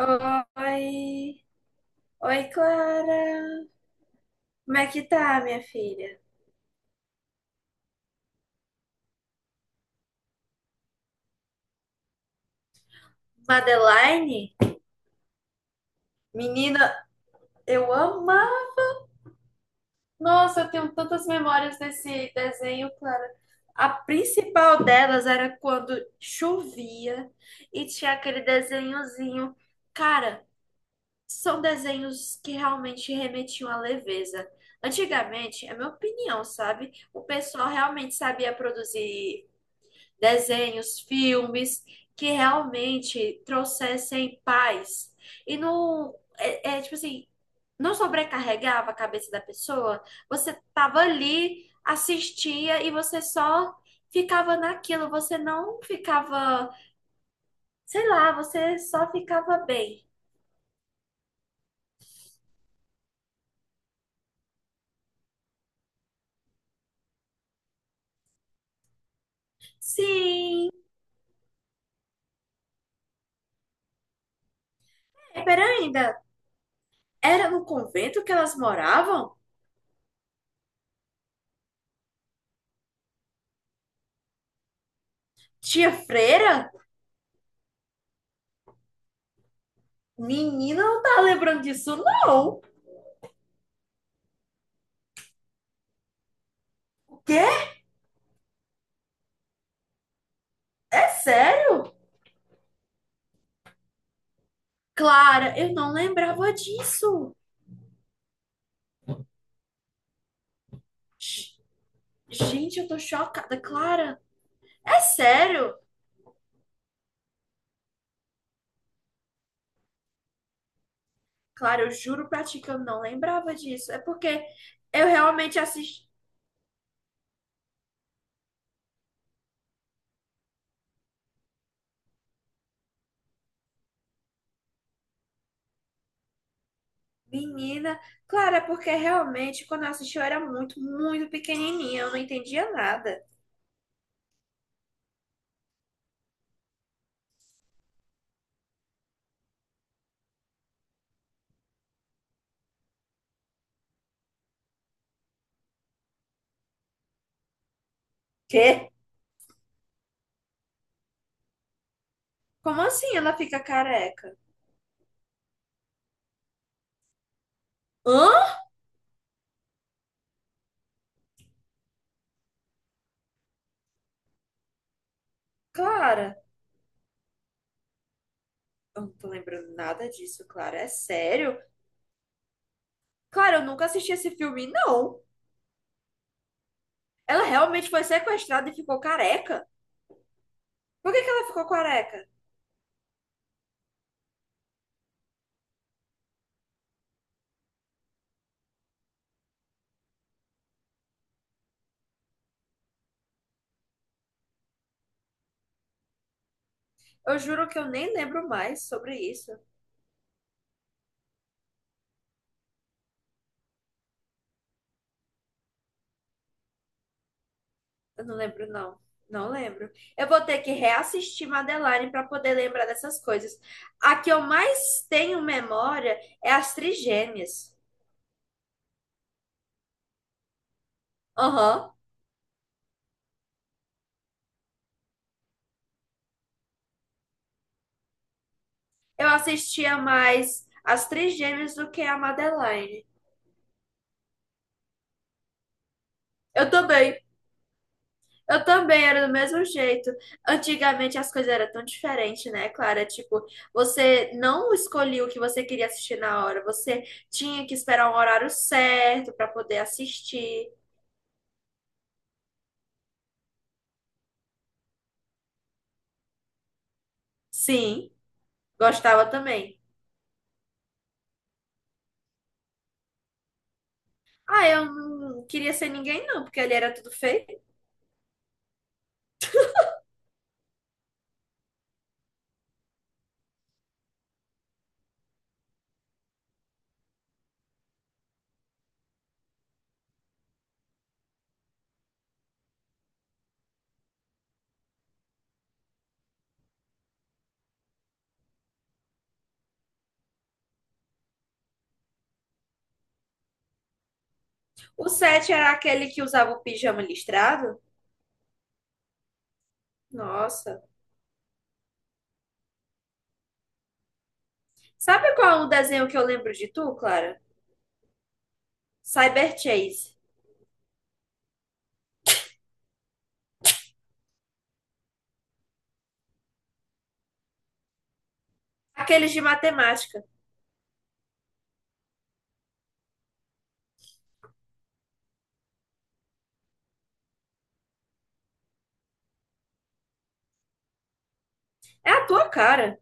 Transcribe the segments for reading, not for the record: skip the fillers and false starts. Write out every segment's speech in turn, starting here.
Oi, oi Clara. Como é que tá, minha filha? Madeline? Menina, eu amo. Nossa, eu tenho tantas memórias desse desenho, Clara. A principal delas era quando chovia e tinha aquele desenhozinho. Cara, são desenhos que realmente remetiam à leveza. Antigamente, é minha opinião, sabe? O pessoal realmente sabia produzir desenhos, filmes que realmente trouxessem paz e não tipo assim, não sobrecarregava a cabeça da pessoa. Você tava ali, assistia e você só ficava naquilo, você não ficava, sei lá, você só ficava bem. Sim, é, peraí, ainda era no convento que elas moravam? Tinha freira? Menina, não tá lembrando disso, não. O quê? É sério? Clara, eu não lembrava disso. Sh- Gente, eu tô chocada. Clara, é sério? Clara, eu juro pra ti que eu não lembrava disso. É porque eu realmente assisti. Menina, Clara, é porque realmente quando eu assisti eu era muito, muito pequenininha. Eu não entendia nada. Quê? Como assim ela fica careca? Hã? Clara, eu não tô lembrando nada disso, Clara. É sério? Clara, eu nunca assisti esse filme, não. Ela realmente foi sequestrada e ficou careca? Por que que ela ficou careca? Eu juro que eu nem lembro mais sobre isso. Eu não lembro, não. Não lembro. Eu vou ter que reassistir Madeline para poder lembrar dessas coisas. A que eu mais tenho memória é as Trigêmeas. Aham. Eu assistia mais as Trigêmeas do que a Madeline. Eu também. Eu também era do mesmo jeito. Antigamente as coisas eram tão diferentes, né, Clara? Tipo, você não escolhia o que você queria assistir na hora, você tinha que esperar um horário certo para poder assistir. Sim, gostava também. Ah, eu não queria ser ninguém, não, porque ali era tudo feio. O 7 era aquele que usava o pijama listrado. Nossa. Sabe qual é o desenho que eu lembro de tu, Clara? Cyber Chase. Aqueles de matemática. É a tua cara.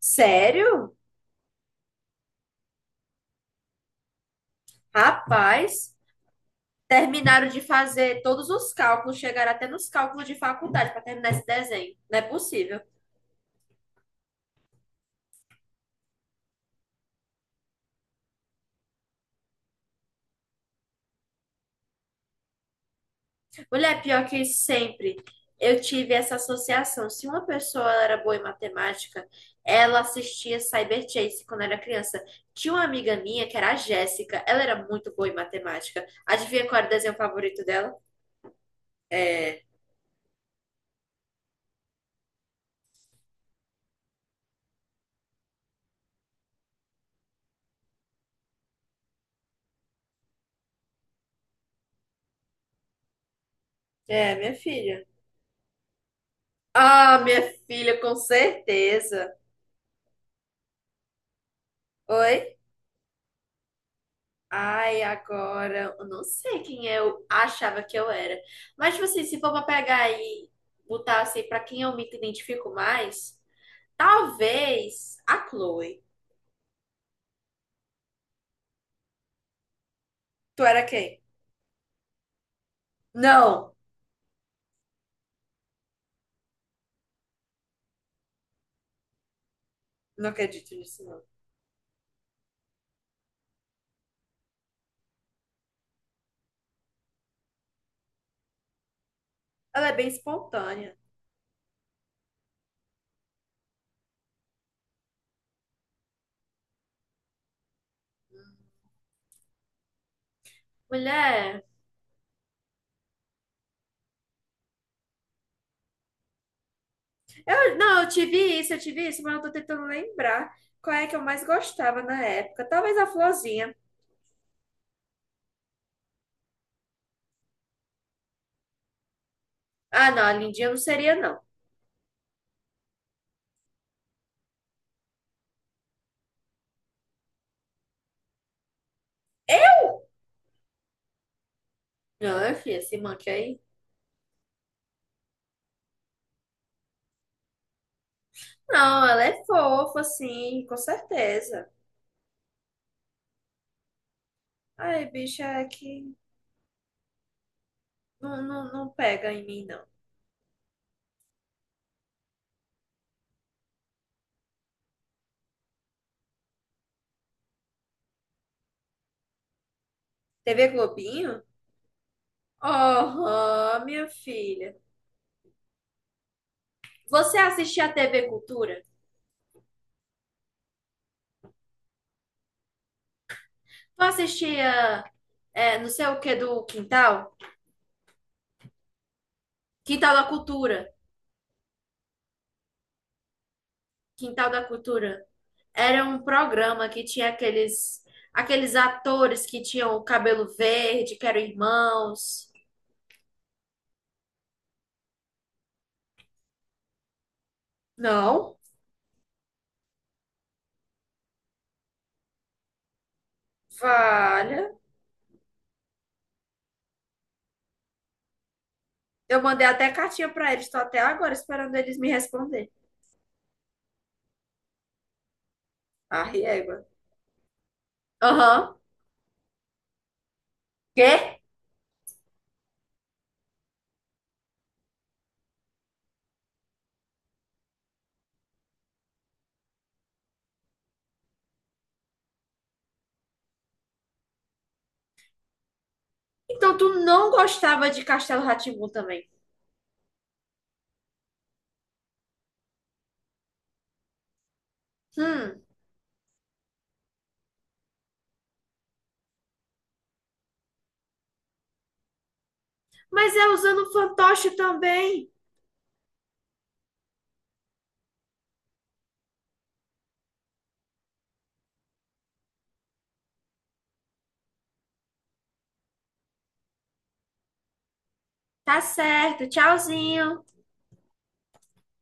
Sério? Rapaz, terminaram de fazer todos os cálculos, chegaram até nos cálculos de faculdade para terminar esse desenho. Não é possível. Mulher, pior que sempre eu tive essa associação. Se uma pessoa era boa em matemática, ela assistia Cyber Chase quando era criança. Tinha uma amiga minha que era a Jéssica, ela era muito boa em matemática. Adivinha qual era o desenho favorito dela? É, minha filha. Ah, minha filha, com certeza. Oi? Ai, agora, eu não sei quem eu achava que eu era. Mas, tipo assim, se for pra pegar e botar assim, pra quem eu me identifico mais, talvez a Chloe. Tu era quem? Não, não acredito nisso, não. Ela é bem espontânea. Mulher, eu, não, eu tive isso, mas eu tô tentando lembrar qual é que eu mais gostava na época. Talvez a Florzinha. Ah, não, a Lindinha não seria, não. Não, filha, se manque aí. Não, ela é fofa, sim, com certeza. Ai, bicha, é que não, não, não pega em mim, não. TV Globinho? Oh, minha filha. Você assistia a TV Cultura? Tu assistia é, não sei o que do Quintal? Quintal da Cultura. Quintal da Cultura. Era um programa que tinha aqueles, atores que tinham o cabelo verde, que eram irmãos. Não? Valha. Eu mandei até cartinha pra eles. Tô até agora esperando eles me responder. Ah, régua. Aham. Quê? Então tu não gostava de Castelo rá também. Hum, mas é usando fantoche também. Tá certo, tchauzinho.